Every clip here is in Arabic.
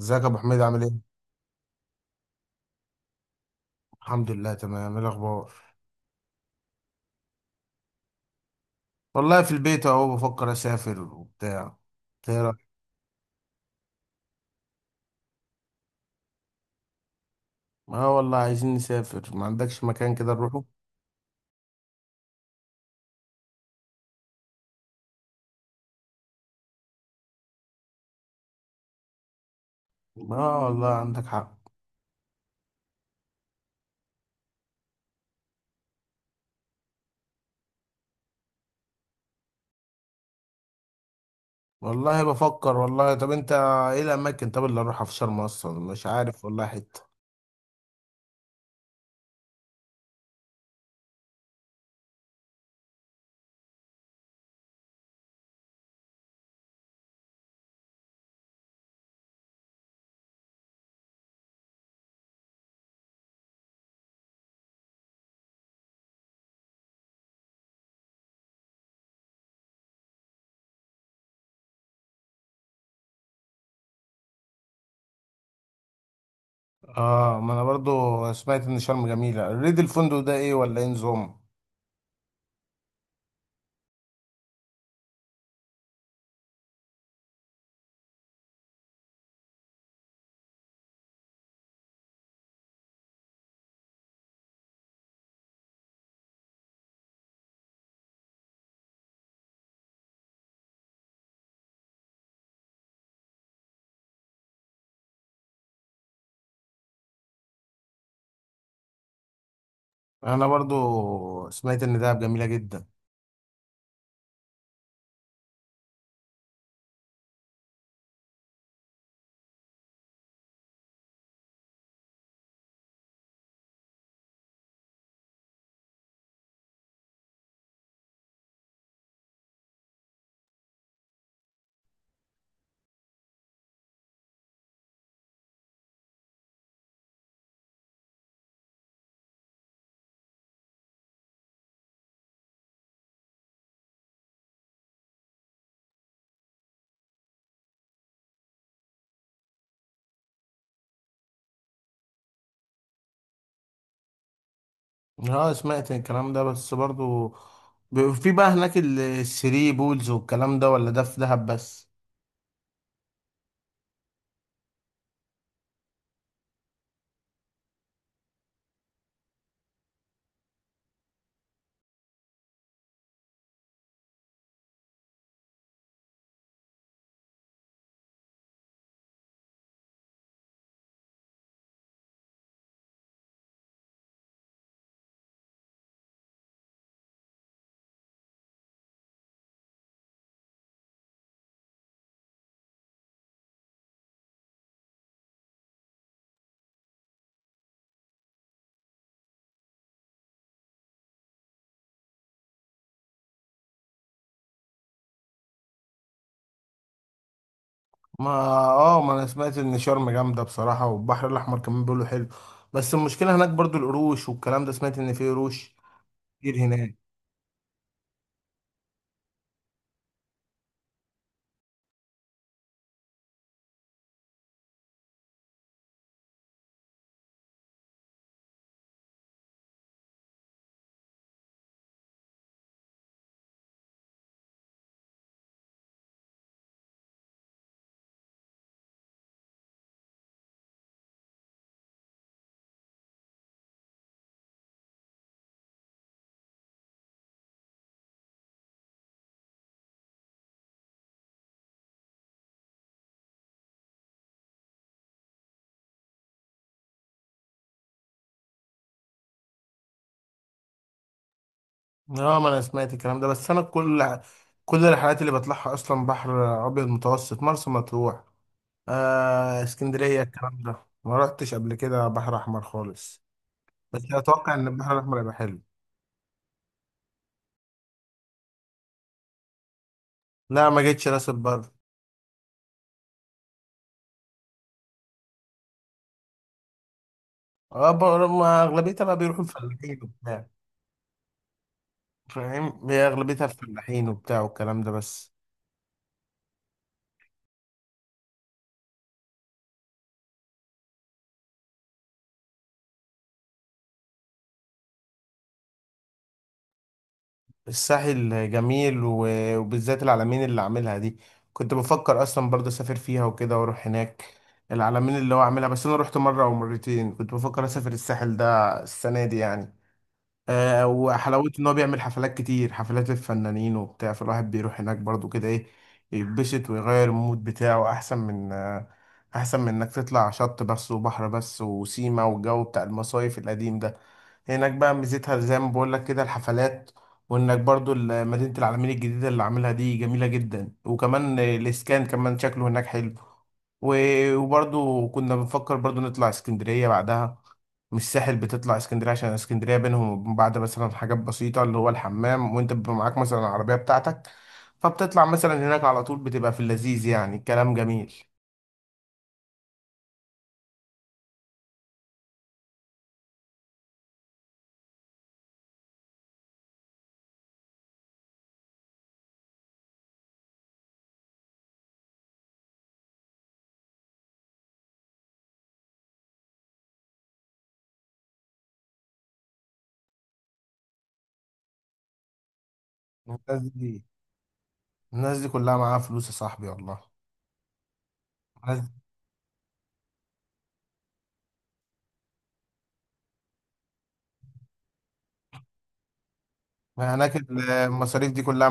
ازيك يا ابو حميد، عامل ايه؟ الحمد لله تمام، ايه الاخبار؟ والله في البيت اهو، بفكر اسافر وبتاع. إيه رأيك؟ اه والله، عايزين نسافر. ما عندكش مكان كده نروحه؟ اه والله عندك حق. والله بفكر والله. طب انت، ايه الاماكن طب اللي اروحها في شرم اصلا؟ مش عارف والله حته. اه، ما انا برضو سمعت ان شرم جميله. ريد الفندق ده، ايه ولا ايه نظام؟ انا برضو سمعت ان دهب جميله جدا. اه سمعت الكلام ده، بس برضو، في بقى هناك الثري بولز والكلام ده، ولا ده في دهب بس؟ ما اه ما انا سمعت ان شرم جامده بصراحه، والبحر الاحمر كمان بيقولوا حلو. بس المشكله هناك برضو القروش والكلام ده، سمعت ان في قروش كتير هناك. اه ما انا سمعت الكلام ده، بس انا كل الرحلات اللي بطلعها اصلا بحر ابيض متوسط، مرسى مطروح، اسكندريه، الكلام ده. ما رحتش قبل كده بحر احمر خالص. بس اتوقع ان البحر الاحمر يبقى حلو. لا ما جيتش راس البر. اه، ما اغلبيتها بقى بيروحوا الفلاحين وبتاع. فاهم، هي اغلبيتها الفلاحين وبتاع والكلام ده بس. الساحل جميل، وبالذات العلمين اللي عاملها دي. كنت بفكر اصلا برضه اسافر فيها وكده، واروح هناك العلمين اللي هو عاملها، بس انا رحت مره او مرتين. كنت بفكر اسافر الساحل ده السنه دي يعني. وحلاوته ان هو بيعمل حفلات كتير، حفلات الفنانين وبتاع، فالواحد بيروح هناك برضو كده، ايه، يتبسط ويغير المود بتاعه، احسن من، احسن من انك تطلع شط بس وبحر بس وسيما والجو بتاع المصايف القديم ده. هناك بقى ميزتها زي ما بقول لك كده الحفلات، وانك برضو مدينة العلمين الجديدة اللي عاملها دي جميلة جدا، وكمان الاسكان كمان شكله هناك حلو. وبرضو كنا بنفكر برضو نطلع اسكندرية بعدها. مش ساحل، بتطلع اسكندريه عشان اسكندريه بينهم وبين بعض مثلا حاجات بسيطه، اللي هو الحمام، وانت بيبقى معاك مثلا العربيه بتاعتك. فبتطلع مثلا هناك على طول، بتبقى في اللذيذ، يعني الكلام جميل. الناس دي الناس دي كلها معاها فلوس يا صاحبي والله. الناس دي- هناك المصاريف دي كلها.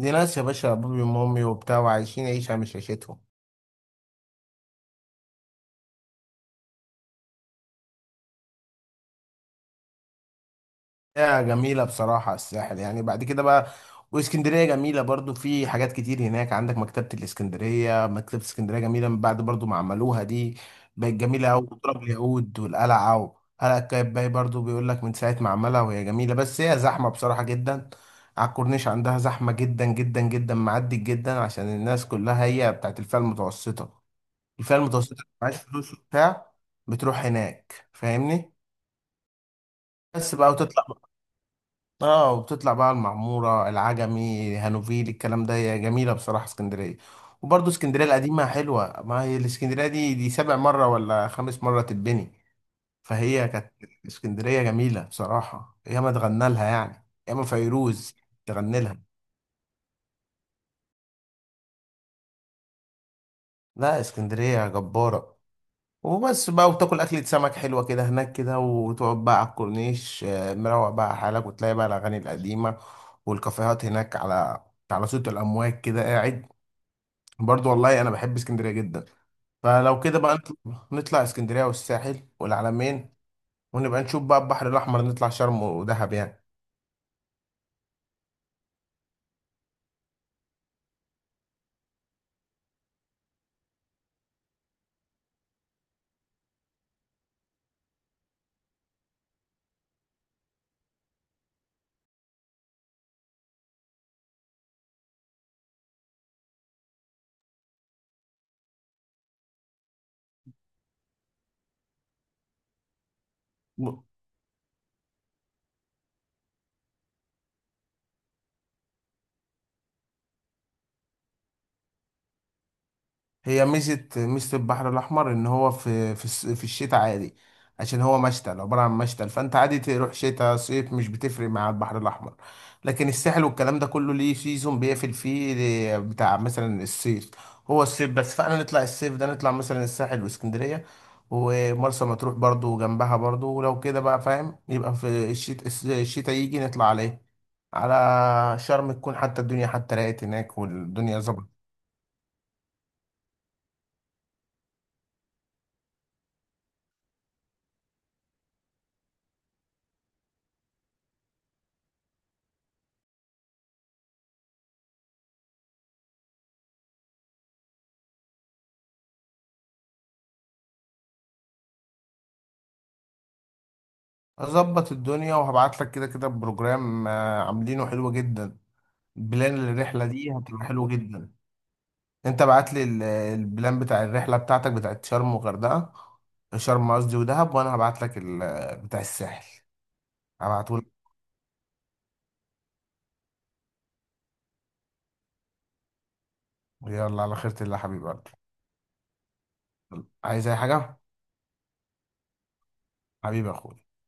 دي ناس يا باشا ابوي وامي وبتاع، وعايشين عيشه مش عيشتهم. يا جميلة بصراحة الساحل، يعني بعد كده بقى. واسكندرية جميلة برضو، في حاجات كتير هناك. عندك مكتبة الاسكندرية، مكتبة اسكندرية جميلة من بعد برضو ما عملوها دي، بقت جميلة أوي. وتراب اليهود والقلعة، وقلعة قايتباي برضو بيقول لك من ساعة ما عملها وهي جميلة، بس هي زحمة بصراحة جدا. على الكورنيش عندها زحمة جدا جدا جدا، معدي جدا عشان الناس كلها هي بتاعت الفئة المتوسطة، الفئة المتوسطة اللي معهاش فلوس وبتاع بتروح هناك، فاهمني؟ بس بقى، وتطلع، اه، وبتطلع بقى المعمورة، العجمي، هانوفيل، الكلام ده. هي جميلة بصراحة اسكندرية، وبرضه اسكندرية القديمة حلوة. ما هي الاسكندرية دي سابع مرة ولا خامس مرة تتبني، فهي كانت اسكندرية جميلة بصراحة. ياما اتغنى لها يعني، ياما فيروز تغني لها. لا، اسكندرية جبارة. وبس بقى، وتاكل أكلة سمك حلوة كده هناك كده، وتقعد بقى على الكورنيش، مروق بقى على حالك، وتلاقي بقى الأغاني القديمة والكافيهات هناك على صوت الأمواج كده قاعد. برضو والله انا بحب اسكندريه جدا. فلو كده بقى نطلع، نطلع اسكندريه والساحل والعلمين، ونبقى نشوف بقى البحر الاحمر، نطلع شرم ودهب يعني. هي ميزة ميزة البحر الأحمر، إن هو في الشتاء عادي، عشان هو مشتل، عبارة عن مشتل. فأنت عادي تروح شتاء صيف، مش بتفرق مع البحر الأحمر. لكن الساحل والكلام ده كله ليه سيزون بيقفل فيه، بتاع مثلا الصيف، هو الصيف بس. فأنا نطلع الصيف ده، نطلع مثلا الساحل واسكندرية، ومرسى مطروح برضو جنبها برضو. ولو كده بقى فاهم، يبقى في الشتاء، الشتاء يجي نطلع عليه على شرم، تكون حتى الدنيا حتى راقت هناك والدنيا ظبطت. اظبط الدنيا وهبعت لك كده كده بروجرام، عاملينه حلو جدا، بلان للرحله دي هتبقى حلو جدا. انت بعت لي البلان بتاع الرحله بتاعتك، بتاعت شرم وغردقه، شرم قصدي ودهب، وانا هبعت لك بتاع الساحل، هبعته لك. يلا على خيرة الله حبيبي قلبي. عايز اي حاجه؟ حبيبي يا اخويا.